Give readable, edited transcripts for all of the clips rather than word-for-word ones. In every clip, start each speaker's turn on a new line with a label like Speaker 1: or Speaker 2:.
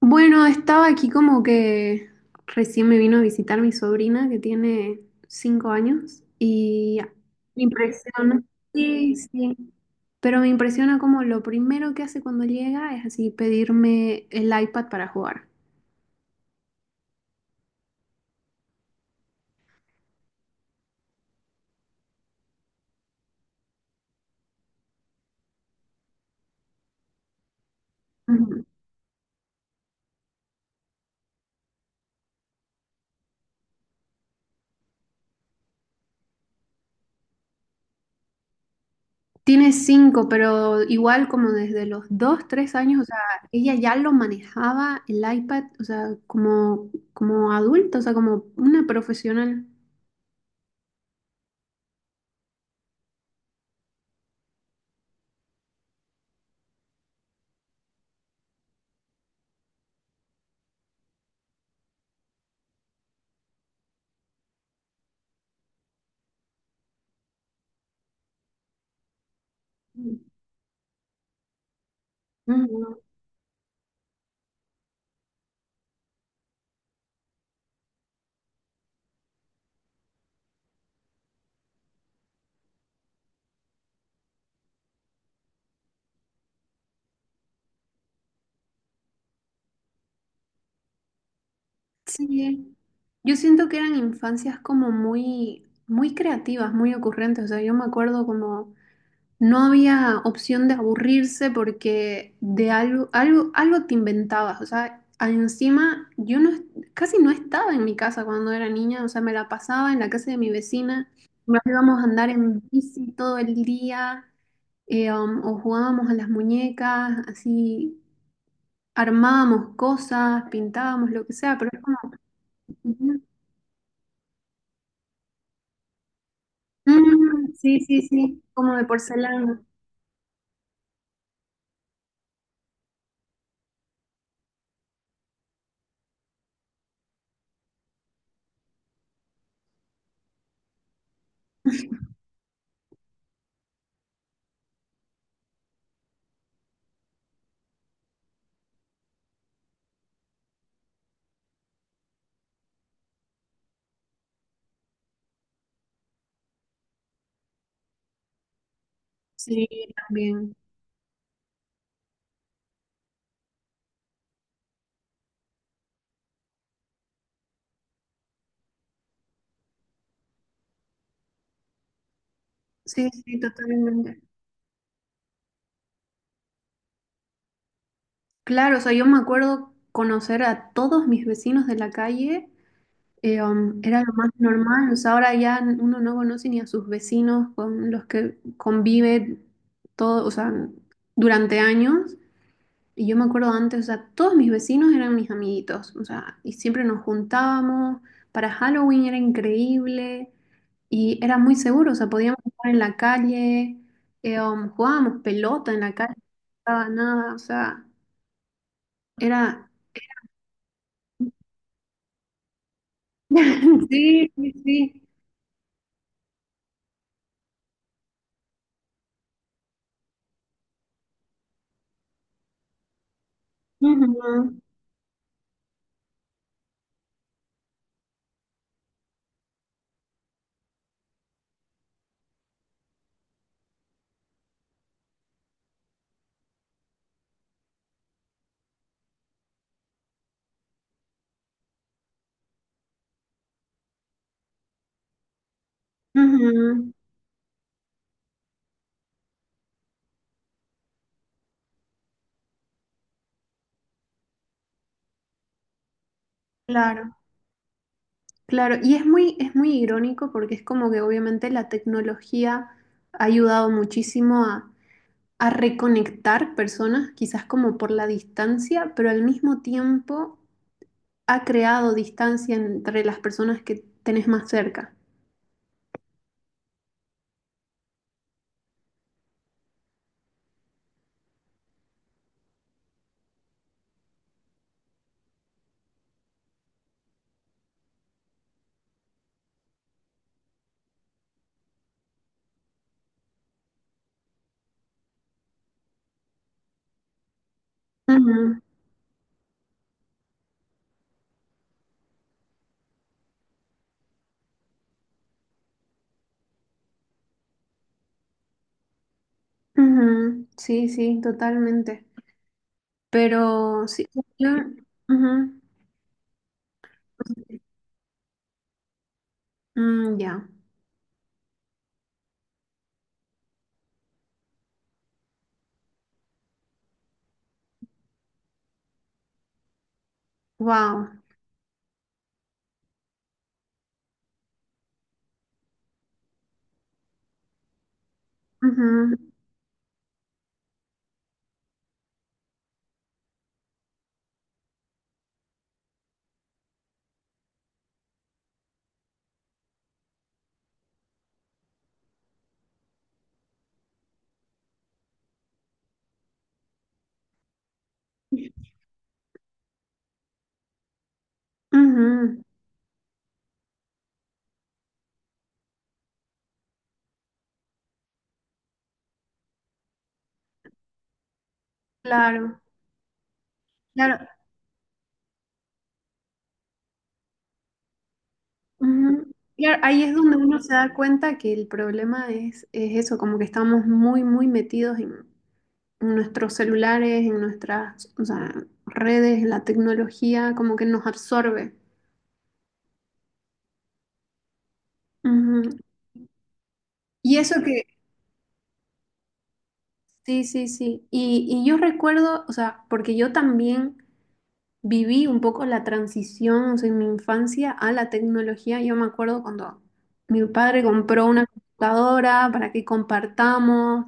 Speaker 1: Bueno, estaba aquí como que recién me vino a visitar mi sobrina que tiene cinco años y me impresiona, sí, sí, pero me impresiona como lo primero que hace cuando llega es así pedirme el iPad para jugar. Ujú. Tiene cinco, pero igual como desde los dos, tres años, o sea, ella ya lo manejaba el iPad, o sea, como, como adulta, o sea, como una profesional. Ujú. Sí, yo siento que eran infancias como muy, muy creativas, muy ocurrentes. O sea, yo me acuerdo como no había opción de aburrirse porque de algo te inventabas. O sea, encima yo casi no estaba en mi casa cuando era niña. O sea, me la pasaba en la casa de mi vecina. Nos íbamos a andar en bici todo el día o jugábamos a las muñecas, así armábamos cosas, pintábamos lo que sea, pero es como... Mm, sí, sí, sí, como de porcelana. Sí, también. Sí, sí, totalmente. Claro, o sea, yo me acuerdo conocer a todos mis vecinos de la calle, era lo más normal, o sea, ahora ya uno no conoce ni a sus vecinos con los que convive todo, o sea, durante años. Y yo me acuerdo antes, o sea, todos mis vecinos eran mis amiguitos, o sea, y siempre nos juntábamos. Para Halloween era increíble. Y era muy seguro, o sea, podíamos jugar en la calle, jugábamos pelota en la calle, no pasaba nada, o sea, era... Sí, sí, sí. Ujú, ujú. Claro, claro. Y es muy irónico porque es como que obviamente la tecnología ha ayudado muchísimo a reconectar personas, quizás como por la distancia, pero al mismo tiempo ha creado distancia entre las personas que tenés más cerca. Ujú. Ujú. Sí, sí, totalmente. Pero sí, yo, ujú, mm, ya. Wow. Ujú. Claro, claro, ujú. Claro, ahí es donde uno se da cuenta que el problema es eso, como que estamos muy, muy metidos en, nuestros celulares, en nuestras, o sea, redes, en la tecnología, como que nos absorbe. Ujú. Y eso que, sí, sí, sí. Y yo recuerdo, o sea, porque yo también viví un poco la transición, o sea, en mi infancia a la tecnología. Yo me acuerdo cuando mi padre compró una computadora para que compartamos.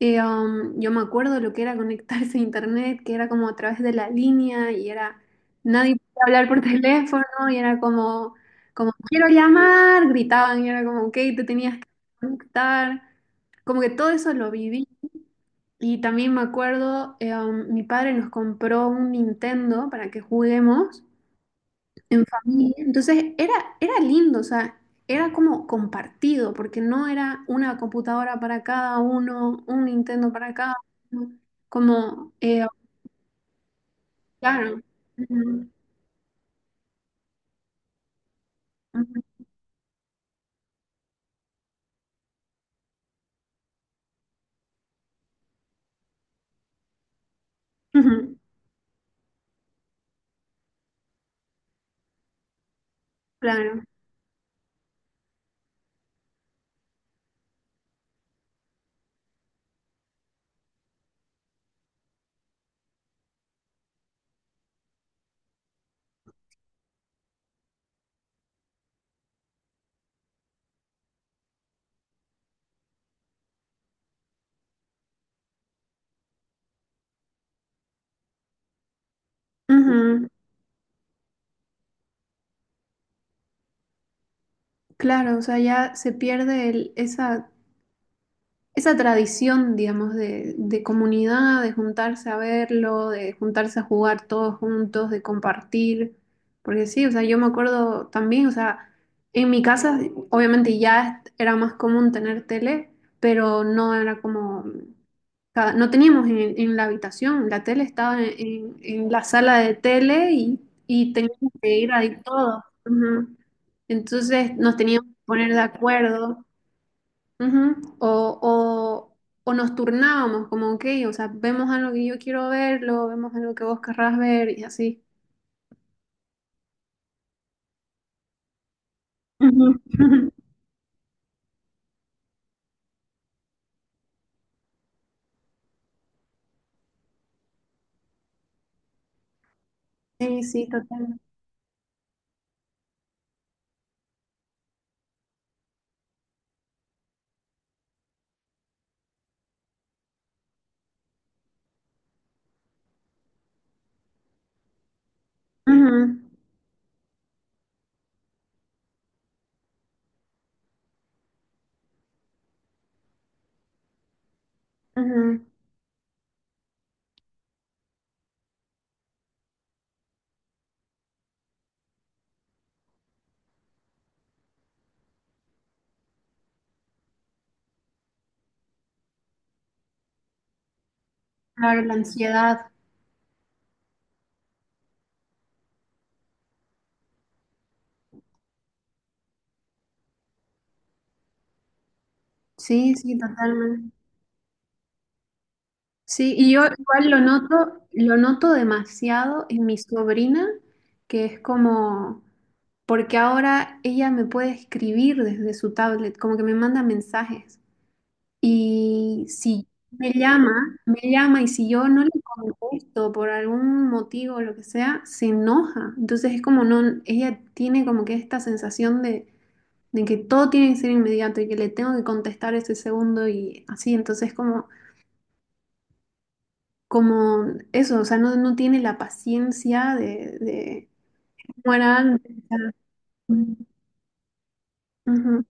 Speaker 1: Yo me acuerdo lo que era conectarse a internet, que era como a través de la línea y era nadie podía hablar por teléfono y era como, como quiero llamar, gritaban y era como, ok, te tenías que conectar. Como que todo eso lo viví. Y también me acuerdo, mi padre nos compró un Nintendo para que juguemos en familia. Entonces era, era lindo, o sea, era como compartido, porque no era una computadora para cada uno, un Nintendo para cada uno. Como, claro. Ujú, ujú, ujú. Claro. Ujú. Claro, o sea, ya se pierde esa esa tradición, digamos, de comunidad, de juntarse a verlo, de juntarse a jugar todos juntos, de compartir. Porque sí, o sea, yo me acuerdo también, o sea, en mi casa obviamente ya era más común tener tele, pero no era como, no teníamos en la habitación, la tele estaba en, en la sala de tele y teníamos que ir ahí todos. Ujú. Entonces nos teníamos que poner de acuerdo. Ujú. O nos turnábamos, como, ok, o sea, vemos algo que yo quiero verlo, vemos algo que vos querrás ver y así. Ujú. Sí, sí, totalmente. Ujú, ujú. Claro, la ansiedad. Sí, sí, totalmente. Sí, y yo igual lo noto demasiado en mi sobrina, que es como, porque ahora ella me puede escribir desde su tablet, como que me manda mensajes. Y si me llama, me llama y si yo no le contesto por algún motivo o lo que sea, se enoja. Entonces es como no, ella tiene como que esta sensación de que todo tiene que ser inmediato y que le tengo que contestar ese segundo y así. Entonces como, como eso, o sea, no, no tiene la paciencia de como era antes. O sea, ujú,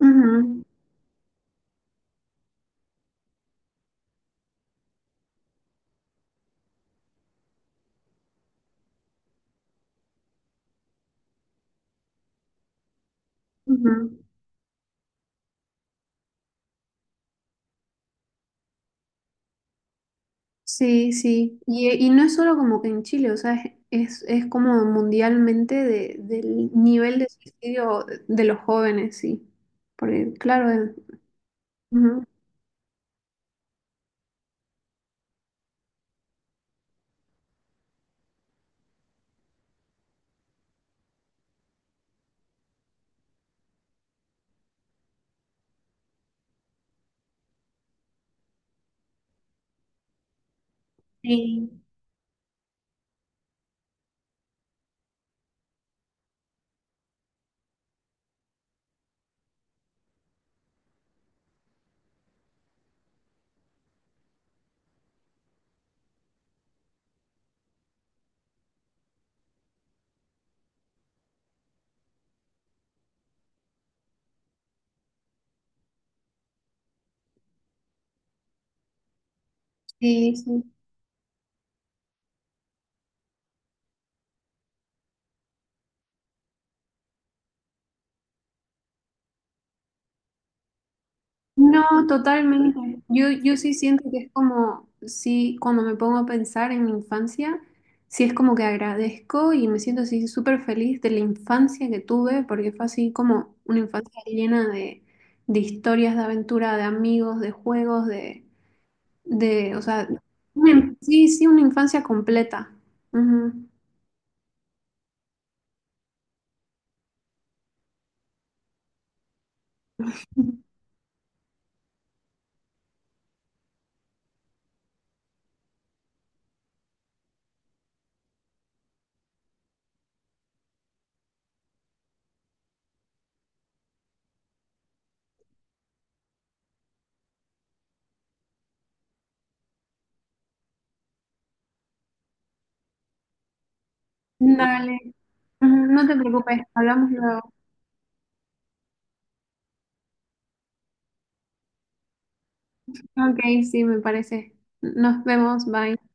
Speaker 1: ujú, ujú. Sí, sí. Y no es solo como que en Chile, o sea, es como mundialmente del nivel de suicidio de los jóvenes, sí. Porque, claro, ujú. Sí, sí, sí. No, totalmente. Yo sí siento que es como, sí, cuando me pongo a pensar en mi infancia, sí es como que agradezco y me siento así súper feliz de la infancia que tuve, porque fue así como una infancia llena de historias, de aventura, de amigos, de juegos, de, o sea, una... sí, sí, una infancia completa. Ujú. Dale. Ujú, no te preocupes, hablamos luego. Ok, sí, me parece. Nos vemos, bye.